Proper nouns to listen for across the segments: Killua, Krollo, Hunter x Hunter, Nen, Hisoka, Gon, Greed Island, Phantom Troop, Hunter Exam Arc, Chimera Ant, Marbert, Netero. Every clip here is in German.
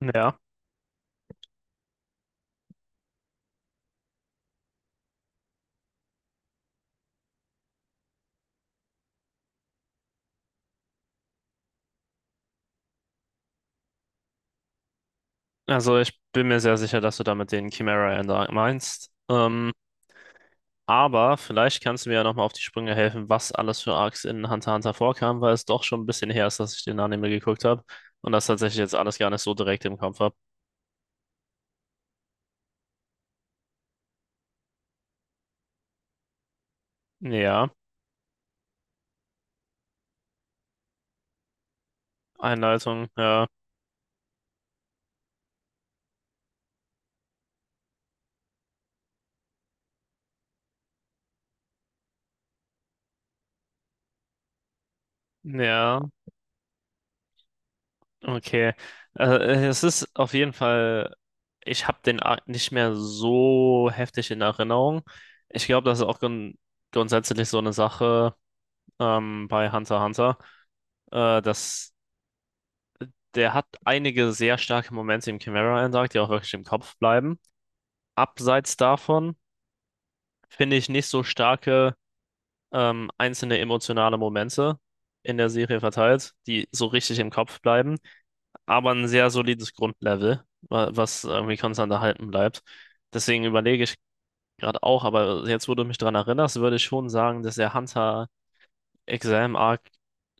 Ja, also ich bin mir sehr sicher, dass du damit den Chimera Ender meinst. Aber vielleicht kannst du mir ja nochmal auf die Sprünge helfen, was alles für Arcs in Hunter x Hunter vorkam, weil es doch schon ein bisschen her ist, dass ich den Anime geguckt habe und das tatsächlich jetzt alles gar nicht so direkt im Kopf habe. Ja, Einleitung, ja, ja, okay. Also, es ist auf jeden Fall, ich habe den Arc nicht mehr so heftig in Erinnerung. Ich glaube, das ist auch grundsätzlich so eine Sache, bei Hunter x Hunter, dass der hat einige sehr starke Momente im Chimera End Arc, die auch wirklich im Kopf bleiben. Abseits davon finde ich nicht so starke, einzelne emotionale Momente in der Serie verteilt, die so richtig im Kopf bleiben, aber ein sehr solides Grundlevel, was irgendwie konstant erhalten bleibt. Deswegen überlege ich gerade auch, aber jetzt, wo du mich daran erinnerst, würde ich schon sagen, dass der Hunter Exam Arc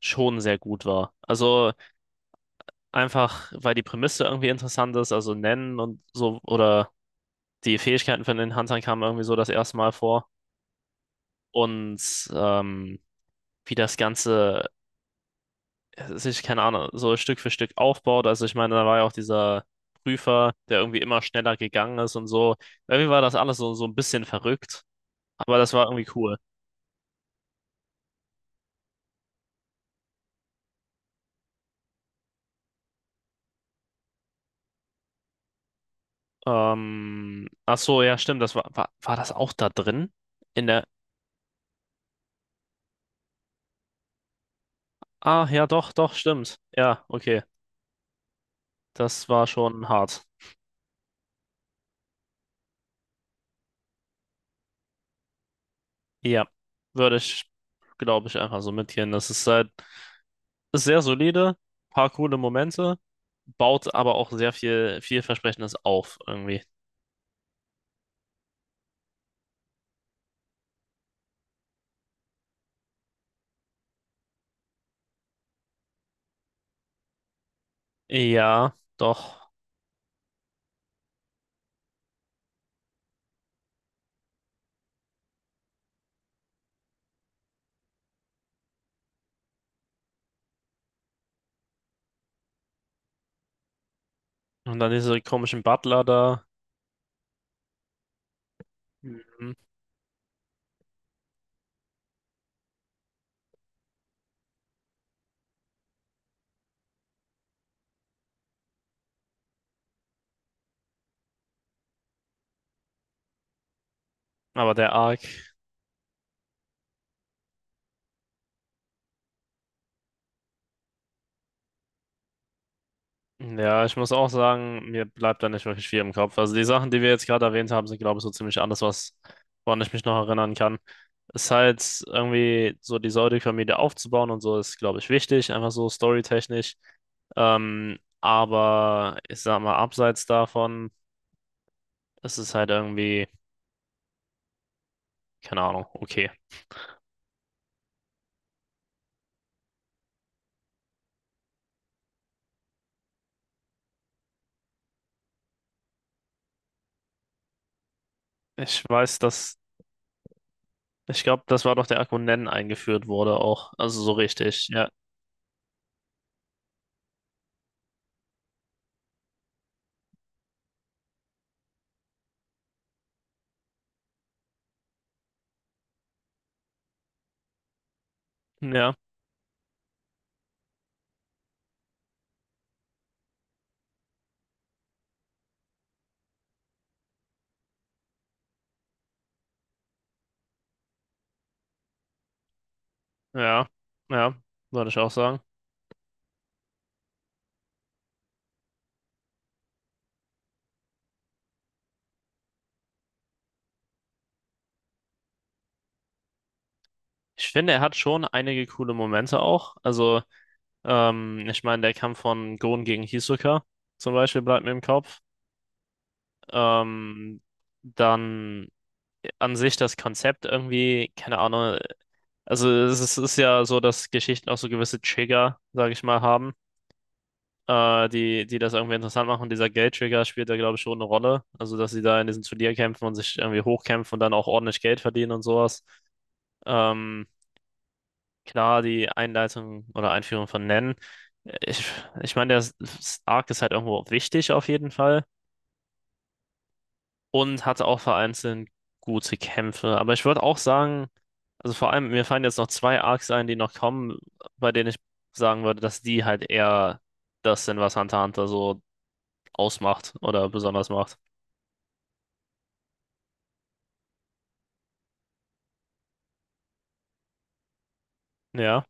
schon sehr gut war. Also einfach, weil die Prämisse irgendwie interessant ist, also Nennen und so, oder die Fähigkeiten von den Huntern kamen irgendwie so das erste Mal vor. Und ähm, wie das Ganze, ja, sich, keine Ahnung, so Stück für Stück aufbaut. Also ich meine, da war ja auch dieser Prüfer, der irgendwie immer schneller gegangen ist und so. Irgendwie war das alles so, so ein bisschen verrückt, aber das war irgendwie cool. Ach so, ja, stimmt, war das auch da drin? In der, ah, ja, doch, doch, stimmt. Ja, okay, das war schon hart. Ja, würde ich, glaube ich, einfach so mitgehen. Das ist halt, ist sehr solide, paar coole Momente, baut aber auch sehr viel vielversprechendes auf irgendwie. Ja, doch. Und dann diese komischen Butler da. Mhm. Aber der Arc, ja, ich muss auch sagen, mir bleibt da nicht wirklich viel im Kopf. Also die Sachen, die wir jetzt gerade erwähnt haben, sind, glaube ich, so ziemlich alles, was, woran ich mich noch erinnern kann. Es ist halt irgendwie so die Säudig-Familie aufzubauen und so ist, glaube ich, wichtig, einfach so storytechnisch. Aber ich sag mal, abseits davon. Das ist halt irgendwie, keine Ahnung, okay. Ich weiß, dass, ich glaube, das war doch der Akku eingeführt wurde auch. Also so richtig, ja. Ja, ja, ja, würde ich auch sagen. Ich finde, er hat schon einige coole Momente auch. Also, ich meine, der Kampf von Gon gegen Hisoka zum Beispiel bleibt mir im Kopf. Ähm, dann an sich das Konzept irgendwie, keine Ahnung. Also, es ist ja so, dass Geschichten auch so gewisse Trigger, sage ich mal, haben. Die das irgendwie interessant machen. Dieser Geldtrigger spielt da, glaube ich, schon eine Rolle. Also, dass sie da in diesen Turnierkämpfen und sich irgendwie hochkämpfen und dann auch ordentlich Geld verdienen und sowas. Ähm, klar, die Einleitung oder Einführung von Nen. äh, Ich, ich meine, der Arc ist halt irgendwo wichtig auf jeden Fall und hatte auch vereinzelt gute Kämpfe. Aber ich würde auch sagen, also vor allem, mir fallen jetzt noch zwei Arcs ein, die noch kommen, bei denen ich sagen würde, dass die halt eher das sind, was Hunter x Hunter so ausmacht oder besonders macht. Ja.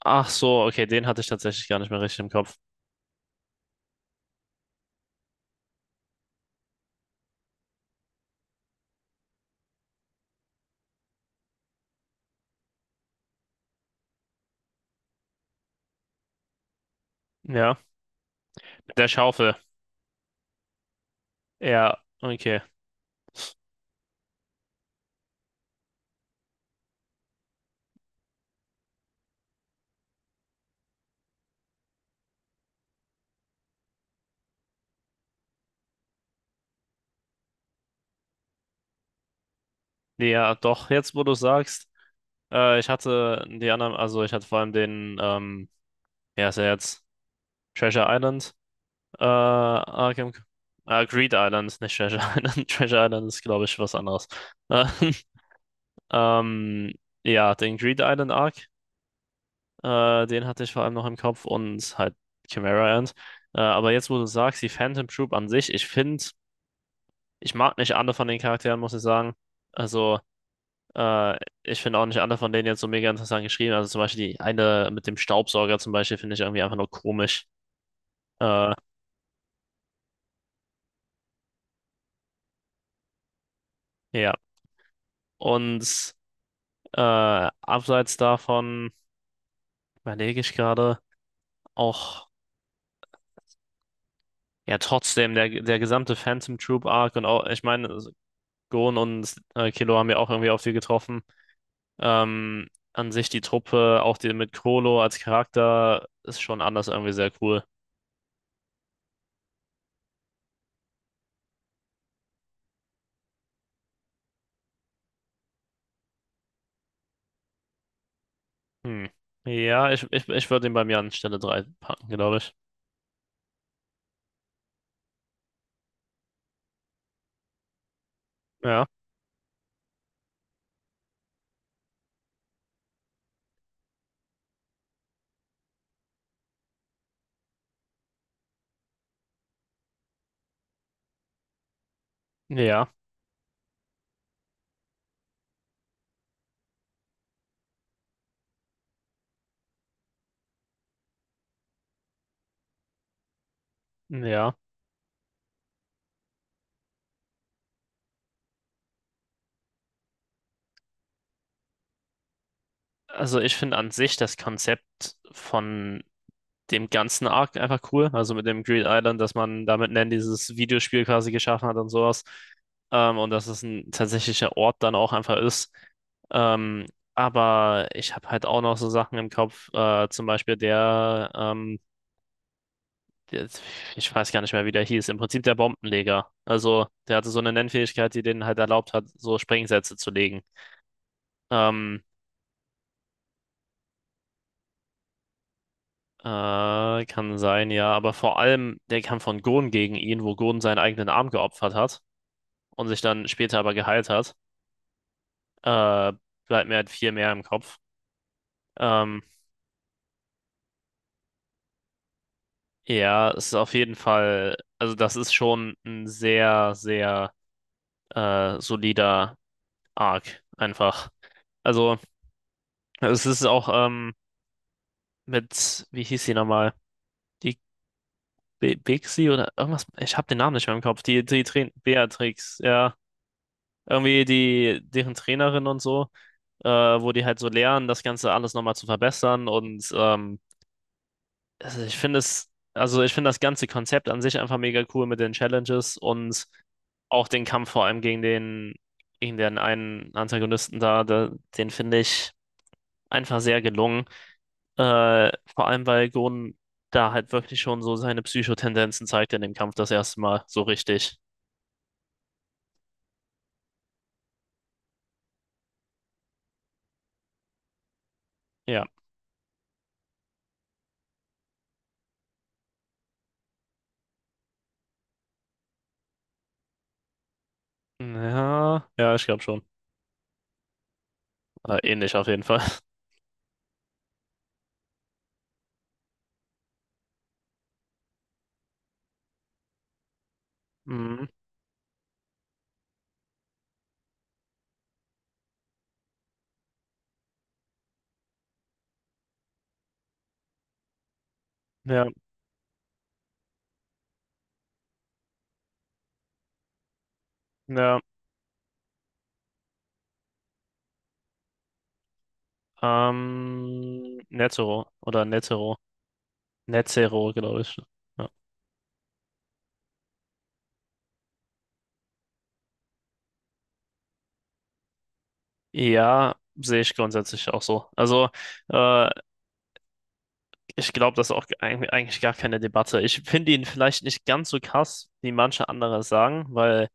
Ach so, okay, den hatte ich tatsächlich gar nicht mehr richtig im Kopf. Ja. Mit der Schaufel. Ja, okay. Nee, ja, doch, jetzt wo du sagst, ich hatte die anderen, also ich hatte vor allem den, ja, ist er jetzt Treasure Island, Arkham, Greed Island, nicht Treasure Island. Treasure Island ist, glaube ich, was anderes. Äh, ähm, ja, den Greed Island Arc, den hatte ich vor allem noch im Kopf und halt Chimera Ant. Aber jetzt, wo du sagst, die Phantom Troop an sich, ich finde, ich mag nicht alle von den Charakteren, muss ich sagen. Also, äh, ich finde auch nicht alle von denen jetzt so mega interessant geschrieben. Also zum Beispiel die eine mit dem Staubsauger zum Beispiel finde ich irgendwie einfach nur komisch. Äh, ja. Und äh, abseits davon überlege ich gerade auch, ja, trotzdem, der gesamte Phantom Troop Arc und auch, ich meine, Gon und Killua haben ja auch irgendwie auf viel getroffen. An sich die Truppe, auch die mit Krollo als Charakter, ist schon anders irgendwie sehr cool. Hm. Ja, ich würde ihn bei mir an Stelle 3 packen, glaube ich. Ja, ja, ja. Also ich finde an sich das Konzept von dem ganzen Arc einfach cool. Also mit dem Green Island, dass man damit Nen dieses Videospiel quasi geschaffen hat und sowas. Und dass es ein tatsächlicher Ort dann auch einfach ist. Ähm, aber ich habe halt auch noch so Sachen im Kopf, zum Beispiel der jetzt, ich weiß gar nicht mehr, wie der hieß, im Prinzip der Bombenleger. Also der hatte so eine Nennfähigkeit, die denen halt erlaubt hat, so Sprengsätze zu legen. Ähm, kann sein, ja, aber vor allem der Kampf von Gon gegen ihn, wo Gon seinen eigenen Arm geopfert hat und sich dann später aber geheilt hat, äh, bleibt mir halt viel mehr im Kopf. Ähm, ja, es ist auf jeden Fall, also das ist schon ein sehr, sehr solider Arc einfach. Also es ist auch, mit, wie hieß sie nochmal? Die Bixi oder irgendwas? Ich habe den Namen nicht mehr im Kopf. Die Train Beatrix, ja. Irgendwie die, deren Trainerin und so, wo die halt so lernen, das Ganze alles nochmal zu verbessern. Und also ich finde es, also ich finde das ganze Konzept an sich einfach mega cool mit den Challenges und auch den Kampf vor allem gegen den einen Antagonisten da, da den finde ich einfach sehr gelungen. Vor allem, weil Gon da halt wirklich schon so seine Psychotendenzen zeigt in dem Kampf das erste Mal. So richtig. Ja. Ja, ja, ich glaube schon. Ähnlich auf jeden Fall. Mhm. Ja, ja. Netero oder Netero. Netero, glaube ich. Ja, ja sehe ich grundsätzlich auch so. Also, äh, ich glaube, das ist auch eigentlich gar keine Debatte. Ich finde ihn vielleicht nicht ganz so krass, wie manche andere es sagen, weil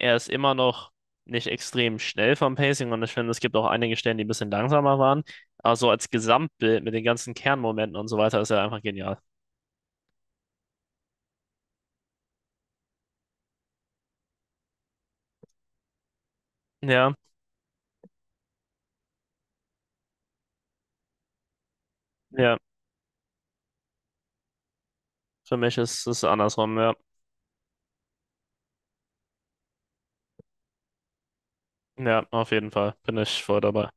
er ist immer noch nicht extrem schnell vom Pacing und ich finde, es gibt auch einige Stellen, die ein bisschen langsamer waren. Aber so als Gesamtbild mit den ganzen Kernmomenten und so weiter ist er einfach genial. Ja, ja, für mich ist es andersrum, ja. Ja, auf jeden Fall bin ich voll dabei.